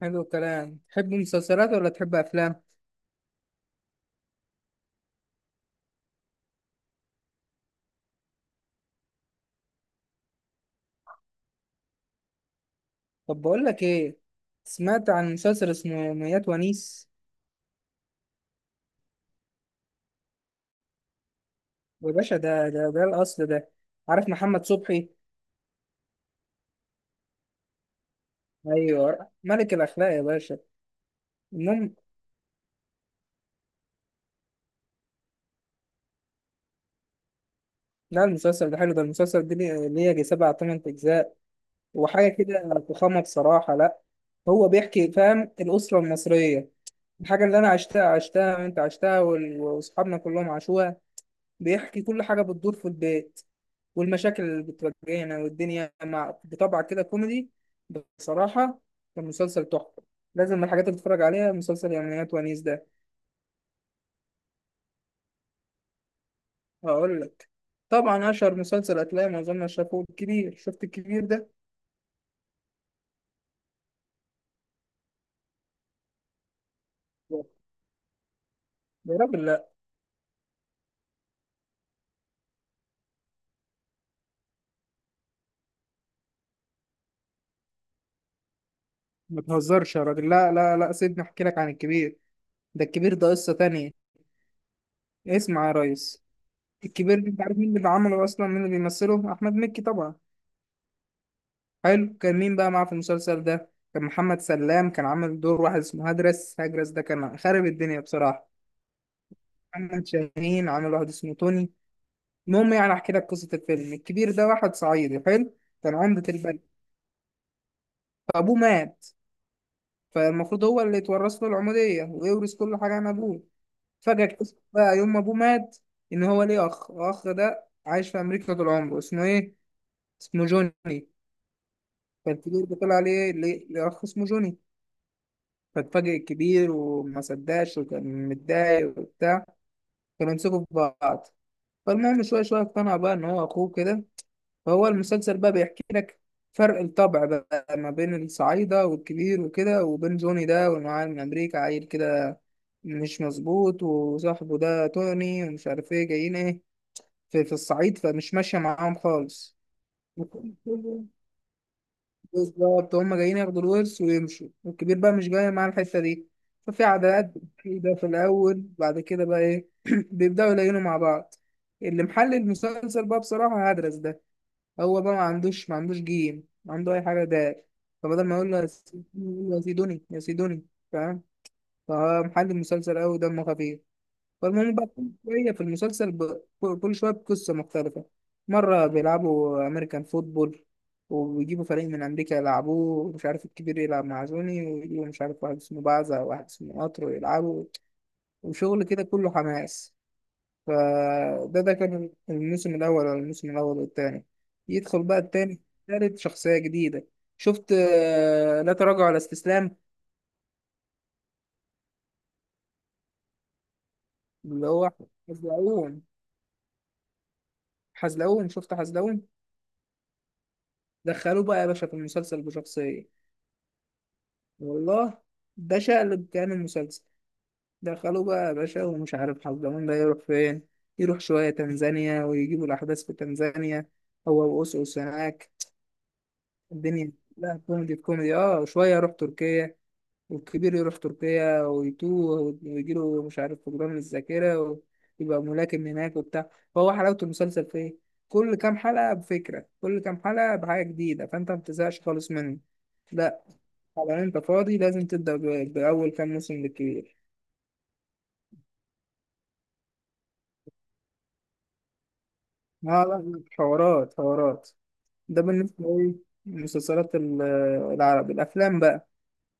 حلو الكلام. تحب مسلسلات ولا تحب افلام؟ طب بقول لك ايه. سمعت عن مسلسل اسمه ميات ونيس. يا باشا ده الاصل ده. عارف محمد صبحي؟ ايوه ملك الاخلاق يا باشا. المهم، لا المسلسل ده حلو، ده المسلسل ده ليه يجي سبع تمن اجزاء وحاجه كده فخامه بصراحه. لا، هو بيحكي، فاهم، الاسره المصريه، الحاجه اللي انا عشتها وانت عشتها واصحابنا كلهم عاشوها. بيحكي كل حاجه بتدور في البيت، والمشاكل اللي بتواجهنا والدنيا، مع بطبع كده كوميدي بصراحة. كان مسلسل تحفة. لازم من الحاجات اللي تتفرج عليها مسلسل يوميات ونيس ده. هقول لك. طبعا أشهر مسلسل هتلاقي معظمنا شافوه الكبير. شفت الكبير ده؟ يا راجل لا، ما تهزرش. يا راجل، لا لا لا، سيبني أحكي لك عن الكبير. ده الكبير ده قصة تانية. اسمع يا ريس. الكبير ده، أنت عارف مين اللي عمله أصلا، مين اللي بيمثله؟ أحمد مكي طبعا. حلو. كان مين بقى معاه في المسلسل ده؟ كان محمد سلام، كان عامل دور واحد اسمه هدرس هجرس، ده كان خارب الدنيا بصراحة. محمد شاهين عامل واحد اسمه توني. المهم، يعني احكي لك قصة الفيلم. الكبير ده واحد صعيدي حلو، كان عمدة البلد. فابوه مات، فالمفروض هو اللي يتورث له العمودية ويورث كل حاجة عن ابوه. فجأة اكتشف بقى يوم ما ابوه مات ان هو ليه اخ. الاخ ده عايش في امريكا طول عمره، اسمه ايه؟ اسمه جوني. فالكبير ده طلع عليه ليه اخ اسمه جوني. فاتفاجئ الكبير وما صدقش وكان متضايق وبتاع. كانوا يمسكوا في بعض. فالمهم شوية شوية اقتنع بقى إن هو أخوه كده. فهو المسلسل بقى بيحكي لك فرق الطبع بقى ما بين الصعايدة والكبير وكده، وبين جوني ده واللي معاه من أمريكا، عيل كده مش مظبوط، وصاحبه ده توني، ومش عارف ايه جايين ايه في الصعيد، فمش ماشية معاهم خالص. بالظبط، هم جايين ياخدوا الورث ويمشوا، والكبير بقى مش جاي معاه الحتة دي. ففي عداءات كده في الأول، بعد كده بقى إيه بيبدأوا يلاقينوا مع بعض. اللي محل المسلسل بقى بصراحة هدرس ده. هو بقى ما عندوش جيم، ما عنده أي حاجة ده. فبدل ما يقول له يا سيدوني يقول له يا سيدوني يا سيدوني، فاهم؟ فمحل المسلسل أوي، دمه خفيف. فالمهم بقى، كل شوية في المسلسل ب... كل شوية بقصة مختلفة. مرة بيلعبوا أمريكان فوتبول، وبيجيبوا فريق من أمريكا يلعبوه، ومش عارف الكبير يلعب مع زوني، ويجيبوا مش عارف واحد اسمه بعزة وواحد اسمه قطر ويلعبوا. وشغل كده كله حماس. فده كان الموسم الأول، ولا الموسم الأول والتاني. يدخل بقى التاني، تالت شخصية جديدة. شفت لا تراجع ولا استسلام؟ اللي هو حزلقوم. حزلقوم، شفت حزلقوم. دخلوه بقى يا باشا في المسلسل بشخصية. والله، ده شقلب كان المسلسل. دخلوه بقى يا باشا، ومش عارف حضرموت ده يروح فين. يروح شوية تنزانيا، ويجيبوا الأحداث في تنزانيا، هو وأوسوس هناك. الدنيا لا، كوميدي في كوميدي. اه، وشوية يروح تركيا. والكبير يروح تركيا ويتوه ويجيله مش عارف فقدان الذاكرة، ويبقى ملاكم هناك وبتاع. فهو حلاوة المسلسل في إيه؟ كل كام حلقة بفكرة، كل كام حلقة بحاجة جديدة، فأنت ما بتزهقش خالص منه. لا، طبعا انت فاضي، لازم تبدأ بأول كام موسم بالكبير. لا لا، حوارات حوارات. ده بالنسبة ايه، المسلسلات ال- العربي. الأفلام بقى،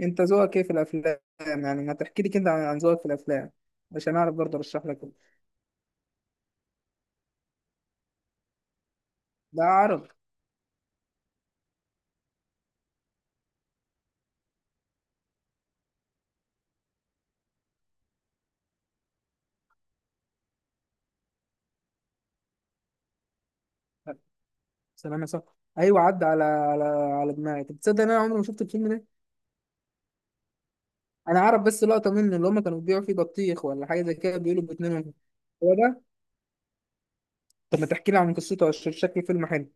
انت ذوقك ايه في الأفلام؟ يعني هتحكي لي كده عن عن ذوقك في الأفلام عشان أعرف برضه أرشح لك. ده عربي. سلام يا صاحبي، أيوة عدى على على دماغي. طب تصدق إن أنا عمري ما شفت الفيلم ده؟ أنا أعرف بس لقطة منه، اللي هما كانوا بيبيعوا فيه بطيخ ولا حاجة زي كده، بيقولوا باتنين. هو ده. طب ما تحكي لي عن قصته عشان شكله فيلم حلو.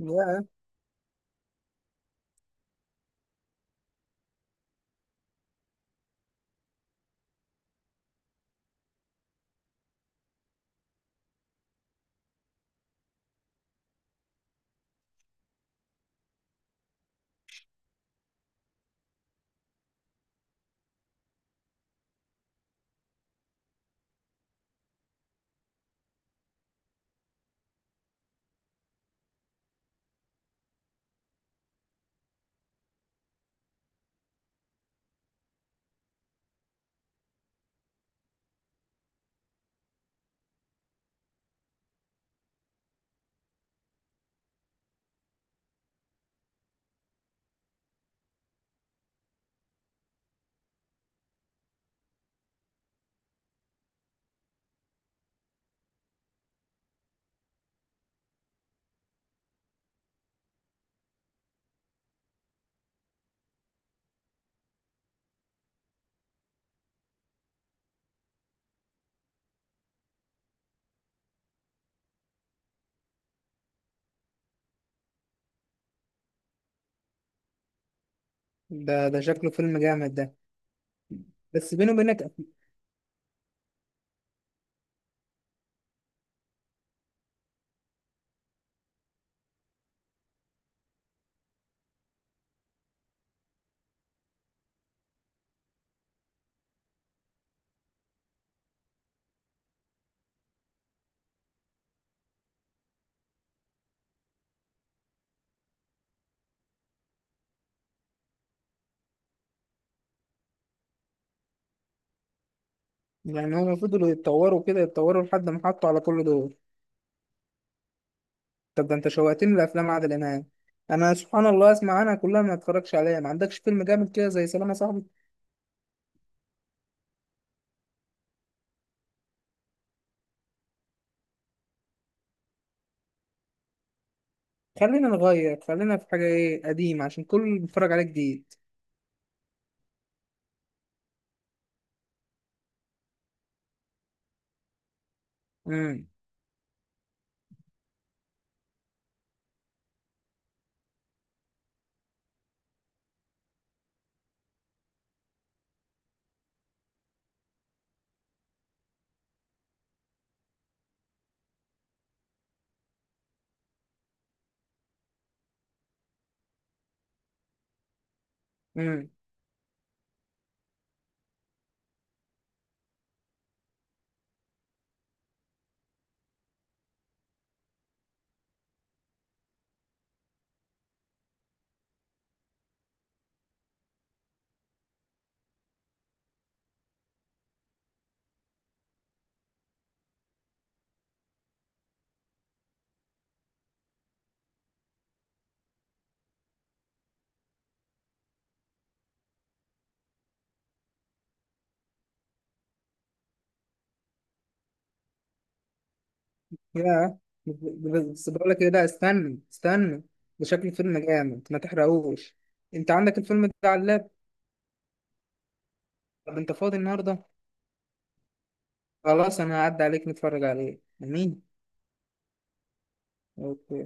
يا، ده شكله فيلم جامد ده، بس بيني وبينك. يعني هم فضلوا يتطوروا كده، يتطوروا لحد ما حطوا على كل دول؟ طب ده انت شوقتني لافلام عادل امام. انا سبحان الله اسمع عنها كلها ما اتفرجش عليها. ما عندكش فيلم جامد كده زي سلام يا صاحبي؟ خلينا نغير، خلينا في حاجه ايه قديمه عشان كل اللي بيتفرج عليه جديد. امم امم يا، بس بقول لك ايه، ده استنى استنى. ده شكل فيلم جامد ما تحرقوش. انت عندك الفيلم ده على اللاب؟ طب انت فاضي النهارده؟ خلاص، انا هعدي عليك نتفرج عليه. امين. اوكي.